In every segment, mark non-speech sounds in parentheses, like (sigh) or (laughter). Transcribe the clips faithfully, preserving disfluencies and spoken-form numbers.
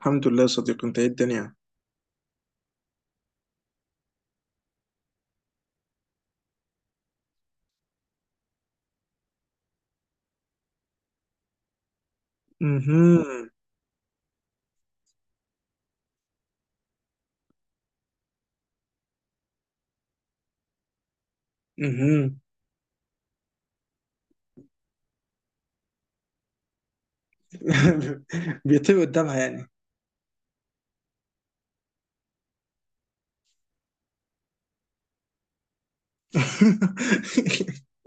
الحمد لله يا صديقي، انت ايه الدنيا؟ امم. امم. (laughs) بيطير قدامها يعني. (laughs)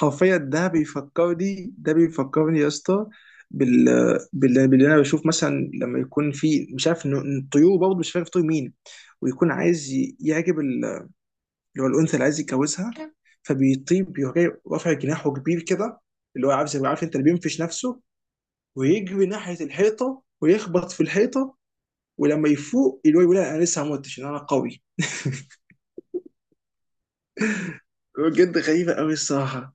حرفيا ده بيفكرني ده بيفكرني يا اسطى بال... بال... باللي انا بشوف، مثلا لما يكون في مش عارف ان الطيور، برضه مش عارف طيور مين، ويكون عايز ي- يعجب ال- اللي هو الانثى اللي عايز يتجوزها، فبيطيب بيروح جاي رافع جناحه كبير كده، اللي هو عارف، زي عارف انت اللي بينفش نفسه، ويجري ناحيه الحيطه ويخبط في الحيطه، ولما يفوق اللي هو يقول انا لسه ما متش، إن انا قوي. بجد غريبه قوي الصراحه.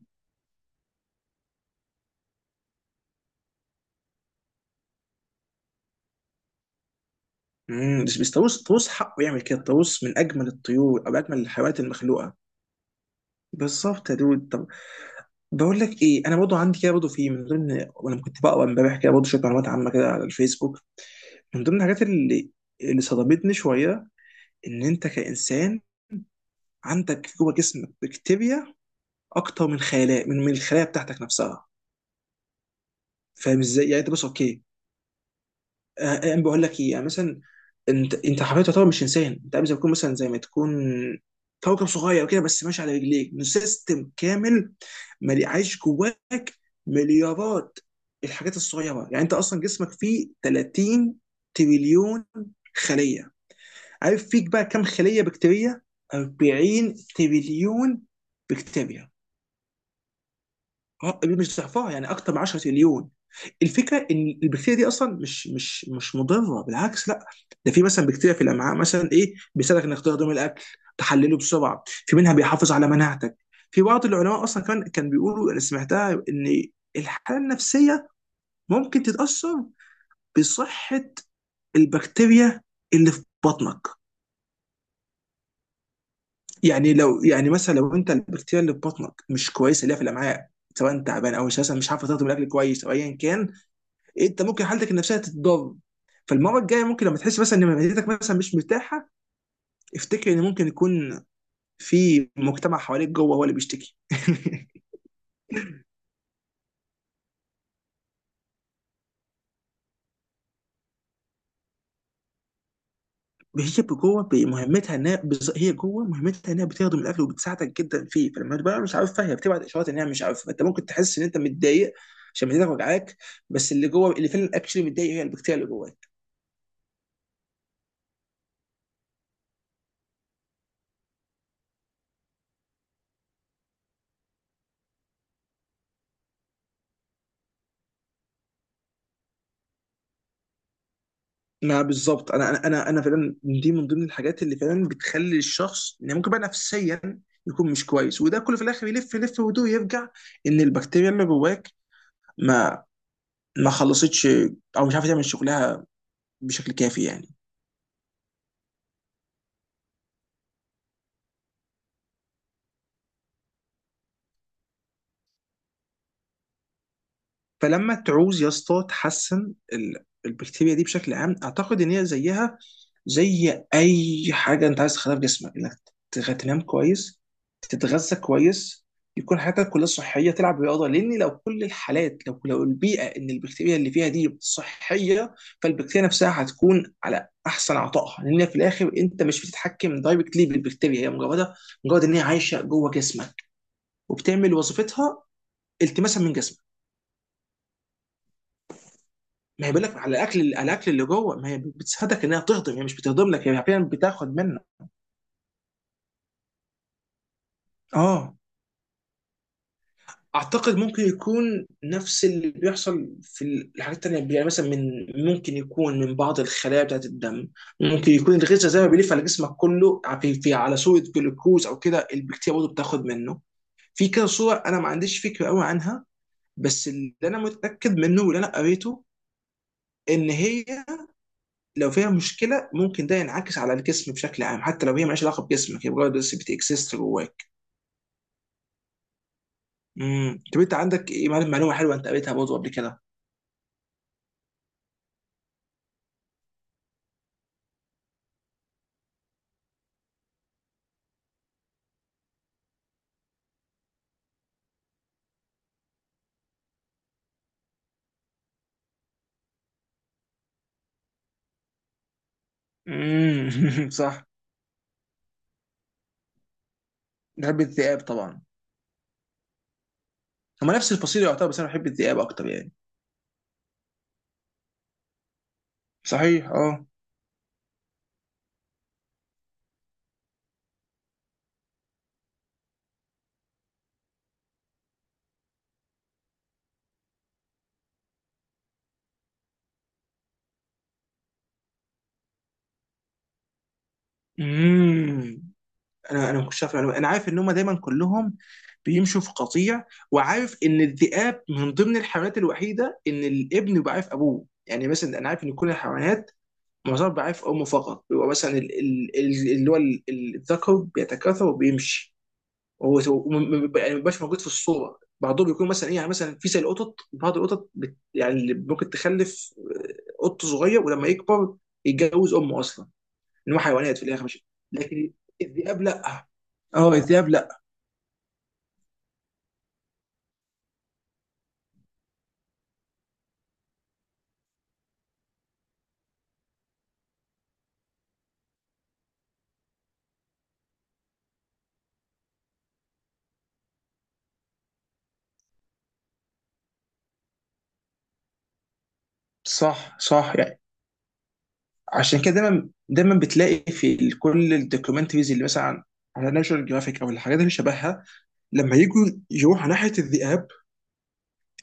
امم، بس بس طاووس طاووس حقه يعمل كده، الطاووس من اجمل الطيور او اجمل الحيوانات المخلوقه. بالظبط يا دود. طب بقول لك ايه، انا برضه عندي كده برضه، في من ضمن، وانا كنت بقرا امبارح كده برضه شويه معلومات عامه كده على الفيسبوك، من ضمن الحاجات اللي اللي صدمتني شويه، ان انت كانسان عندك جوه جسمك بكتيريا اكتر من خلايا، من من الخلايا بتاعتك نفسها. فاهم ازاي؟ يعني انت بس، اوكي، آه، آه، انا بقول لك ايه. يعني مثلا انت انت حرفيا تعتبر مش انسان، انت عامل زي ما تكون، مثلا زي ما تكون كوكب صغير كده، بس ماشي على رجليك، من سيستم كامل ملي- عايش جواك مليارات الحاجات الصغيره. يعني انت اصلا جسمك فيه ثلاثين تريليون خليه. عارف فيك بقى كم خليه بكتيريه؟ أربعين تريليون بكتيريا. آه، مش ضعفها، يعني اكتر من عشرة تريليون. الفكره ان البكتيريا دي اصلا مش مش مش مضره، بالعكس، لا. ده في مثلا بكتيريا في الامعاء مثلا، ايه، بيساعدك انك تهضم الاكل، تحلله بسرعه، في منها بيحافظ على مناعتك. في بعض العلماء اصلا كان كان بيقولوا، انا سمعتها، ان الحاله النفسيه ممكن تتاثر بصحه البكتيريا اللي في بطنك. يعني لو، يعني مثلا لو انت البكتيريا اللي في بطنك مش كويسه، اللي هي في الامعاء، سواء تعبان او اساسا مش عارفه تهضم الاكل كويس او ايا كان، انت ممكن حالتك النفسيه تتضر. فالمره الجايه ممكن لما تحس مثلا ان معدتك مثلا مش مرتاحه، افتكر ان ممكن يكون في مجتمع حواليك جوه هو اللي بيشتكي. (laughs) هي جوه بمهمتها انها بز- هي جوه مهمتها انها بتخدم الاكل وبتساعدك جدا فيه، فلما تبقى مش عارفها هي بتبعت اشارات انها مش عارفه، انت ممكن تحس ان انت متضايق عشان معدتك وجعاك، بس اللي جوه اللي فعلا اكشلي متضايق هي البكتيريا اللي جواك. ما بالظبط، انا انا انا انا فعلا دي من ضمن الحاجات اللي فعلا بتخلي الشخص، يعني ممكن بقى نفسيا يكون مش كويس، وده كله في الاخر يلف يلف ودو يرجع ان البكتيريا اللي جواك ما ما خلصتش او مش عارفه تعمل شغلها بشكل كافي يعني. فلما تعوز يا اسطى تحسن ال- البكتيريا دي بشكل عام، اعتقد ان هي زيها زي اي حاجه انت عايز تخليها في جسمك، انك تغ- تنام كويس، تتغذى كويس، يكون حياتك كلها صحيه، تلعب رياضه، لان لو كل الحالات، لو لو البيئه ان البكتيريا اللي فيها دي صحيه، فالبكتيريا نفسها هتكون على احسن عطائها، لان في الاخر انت مش بتتحكم دايركتلي بالبكتيريا، هي مجرد، مجرد ان هي عايشه جوه جسمك وبتعمل وظيفتها التماسا من جسمك. ما هي بيقول لك على الاكل، على الاكل اللي جوه، ما هي بتساعدك انها تهضم، هي مش بتهضم لك، هي فعلا بتاخد منك. اه، اعتقد ممكن يكون نفس اللي بيحصل في الحاجات التانية، يعني مثلا من، ممكن يكون من بعض الخلايا بتاعت الدم، ممكن يكون الغذاء زي ما بيلف على جسمك كله في، في على صورة جلوكوز او كده، البكتيريا برضه بتاخد منه. في كده صور انا ما عنديش فكرة قوي عنها، بس اللي انا متأكد منه واللي انا قريته ان هي لو فيها مشكله ممكن ده ينعكس على الجسم بشكل عام، حتى لو هي مالهاش علاقه بجسمك، هي مجرد بس بتكسست جواك. امم. طب انت عندك إيه- معلومه معلومة حلوه انت قريتها برضه قبل كده؟ امم. (laughs) صح. بحب الذئاب طبعا. هما نفس الفصيله يعتبر، بس انا بحب الذئاب اكتر يعني. صحيح، اه. امم. انا انا ما كنتش عارف المعلومة. انا عارف ان هما دايما كلهم بيمشوا في قطيع، وعارف ان الذئاب من ضمن الحيوانات الوحيده ان الابن بيبقى عارف ابوه. يعني مثلا انا عارف ان كل الحيوانات، معظمها بيبقى عارف امه فقط، بيبقى مثلا ال- ال- ال- اللي هو ال- ال- الذكر بيتكاثر وبيمشي، وهو هو م- م- م- يعني ما بيبقاش موجود في الصوره. بعضهم بيكون مثلا ايه، يعني مثلا في زي القطط، بعض القطط بت يعني، اللي ممكن تخلف، آه، قط صغير ولما يكبر يتجوز امه اصلا، ان هو حيوانات في الاخر مش، لكن الذئاب لا. اه، الذئاب لا. صح صح يعني. عشان كده دايما دايما بتلاقي في ال- كل الدوكيومنتريز اللي مثلا على ناشونال جرافيك او الحاجات اللي شبهها، لما يجوا يروحوا ناحيه الذئاب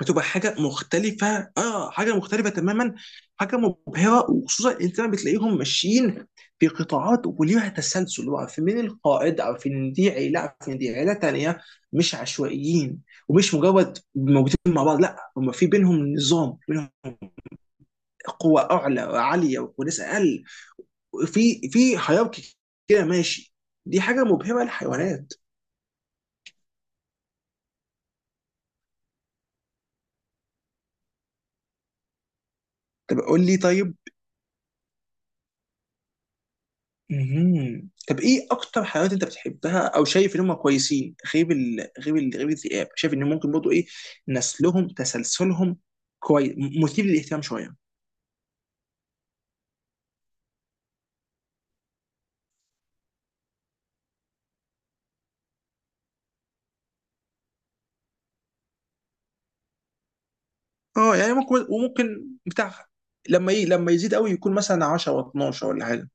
بتبقى حاجه مختلفه. اه، حاجه مختلفه تماما، حاجه مبهره، وخصوصا انت لما بتلاقيهم ماشيين في قطاعات وليها تسلسل، اللي هو عارفين مين القائد، عارفين ان دي عيله، عارفين إن دي عيله تانيه، مش عشوائيين، ومش مجرد موجودين مع بعض، لا، هم في بينهم نظام، بينهم قوه اعلى وعاليه وناس اقل، في في هيراركي كده ماشي. دي حاجه مبهره للحيوانات. طب قول لي، طيب، مهم. طب ايه اكتر حيوانات انت بتحبها او شايف ان هم كويسين، غير ال... غير ال... غير الذئاب، شايف ان ممكن برضه ايه؟ نسلهم تسلسلهم كويس، مثير للاهتمام شويه. اه، يعني ممكن، وممكن بتاع، لما ايه، لما يزيد قوي يكون مثلا عشر و12 ولا حاجه.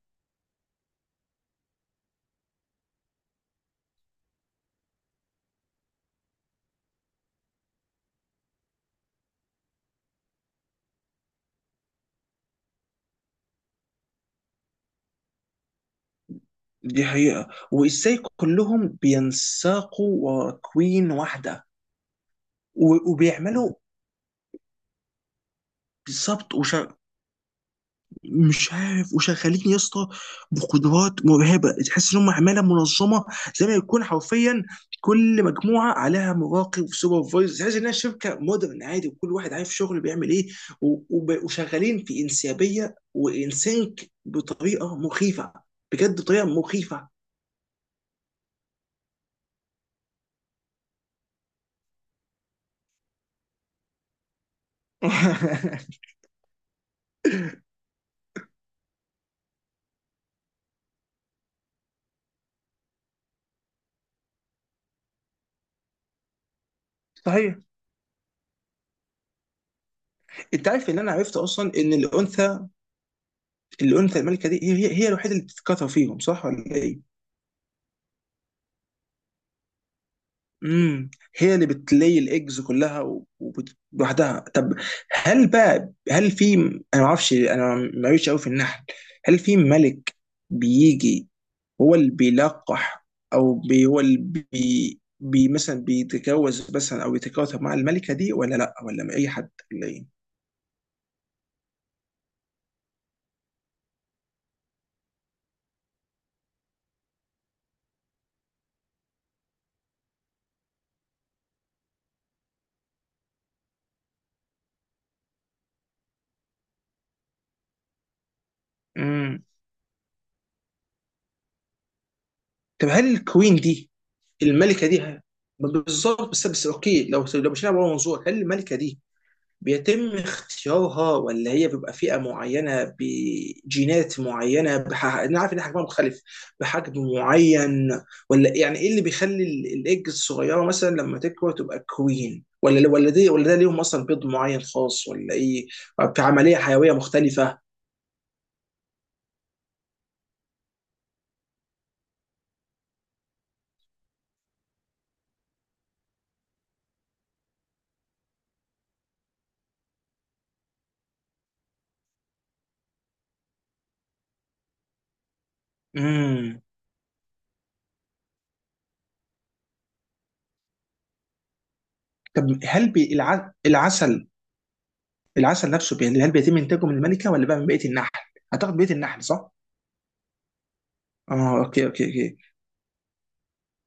دي حقيقه، وازاي كلهم بينساقوا ورا كوين واحده، و... وبيعملوا، بالظبط. مش عارف، وشغالين يا اسطى بقدرات مرعبه، تحس ان هم عماله منظمه، زي ما يكون حرفيا كل مجموعه عليها مراقب سوبرفايزر، تحس انها شركه مودرن عادي، وكل واحد عارف شغله بيعمل ايه، و- وب- وشغالين في انسيابيه وانسينك بطريقه مخيفه، بجد بطريقه مخيفه. (laughs) صحيح. انت عارف ان انا عرفت اصلا ان الانثى، الانثى الملكه دي، هي هي هي الوحيده اللي بتتكاثر فيهم، صح ولا ايه؟ امم. هي اللي بتلي الايجز كلها و- وبت- لوحدها. طب هل بقى، هل في، انا ما اعرفش، انا ما قوي قوي في النحل، هل في ملك بيجي هو اللي بيلقح، او بي هو اللي بي, بي مثلا بيتجوز مثلا، او يتجوز مع الملكه دي، ولا لا، ولا مع اي حد، ولا ايه؟ امم. طب هل الكوين دي، الملكه دي ه- بالظبط، بس بس اوكي، لو لو مشينا بره منظور، هل الملكه دي بيتم اختيارها، ولا هي بيبقى فئة معينة بجينات معينة بح... أنا عارف إن حجمها مختلف، بحجم معين، ولا يعني إيه اللي بيخلي ال- الإيج الصغيرة مثلا لما تكبر تبقى كوين، ولا ولا دي ولا ده، ليهم أصلا بيض معين خاص ولا إيه، في عملية حيوية مختلفة؟ امم. طب هل بي... الع... العسل، العسل نفسه بي، هل بيتم إنتاجه من الملكة ولا بقى من بقية النحل؟ أعتقد بقية النحل، صح؟ اه، اوكي اوكي اوكي.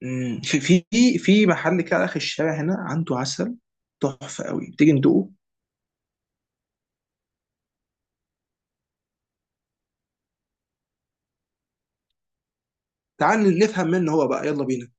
مم. في في في محل كده على اخر الشارع هنا عنده عسل تحفه قوي، تيجي ندوقه؟ تعال نفهم منه هو بقى، يلا بينا.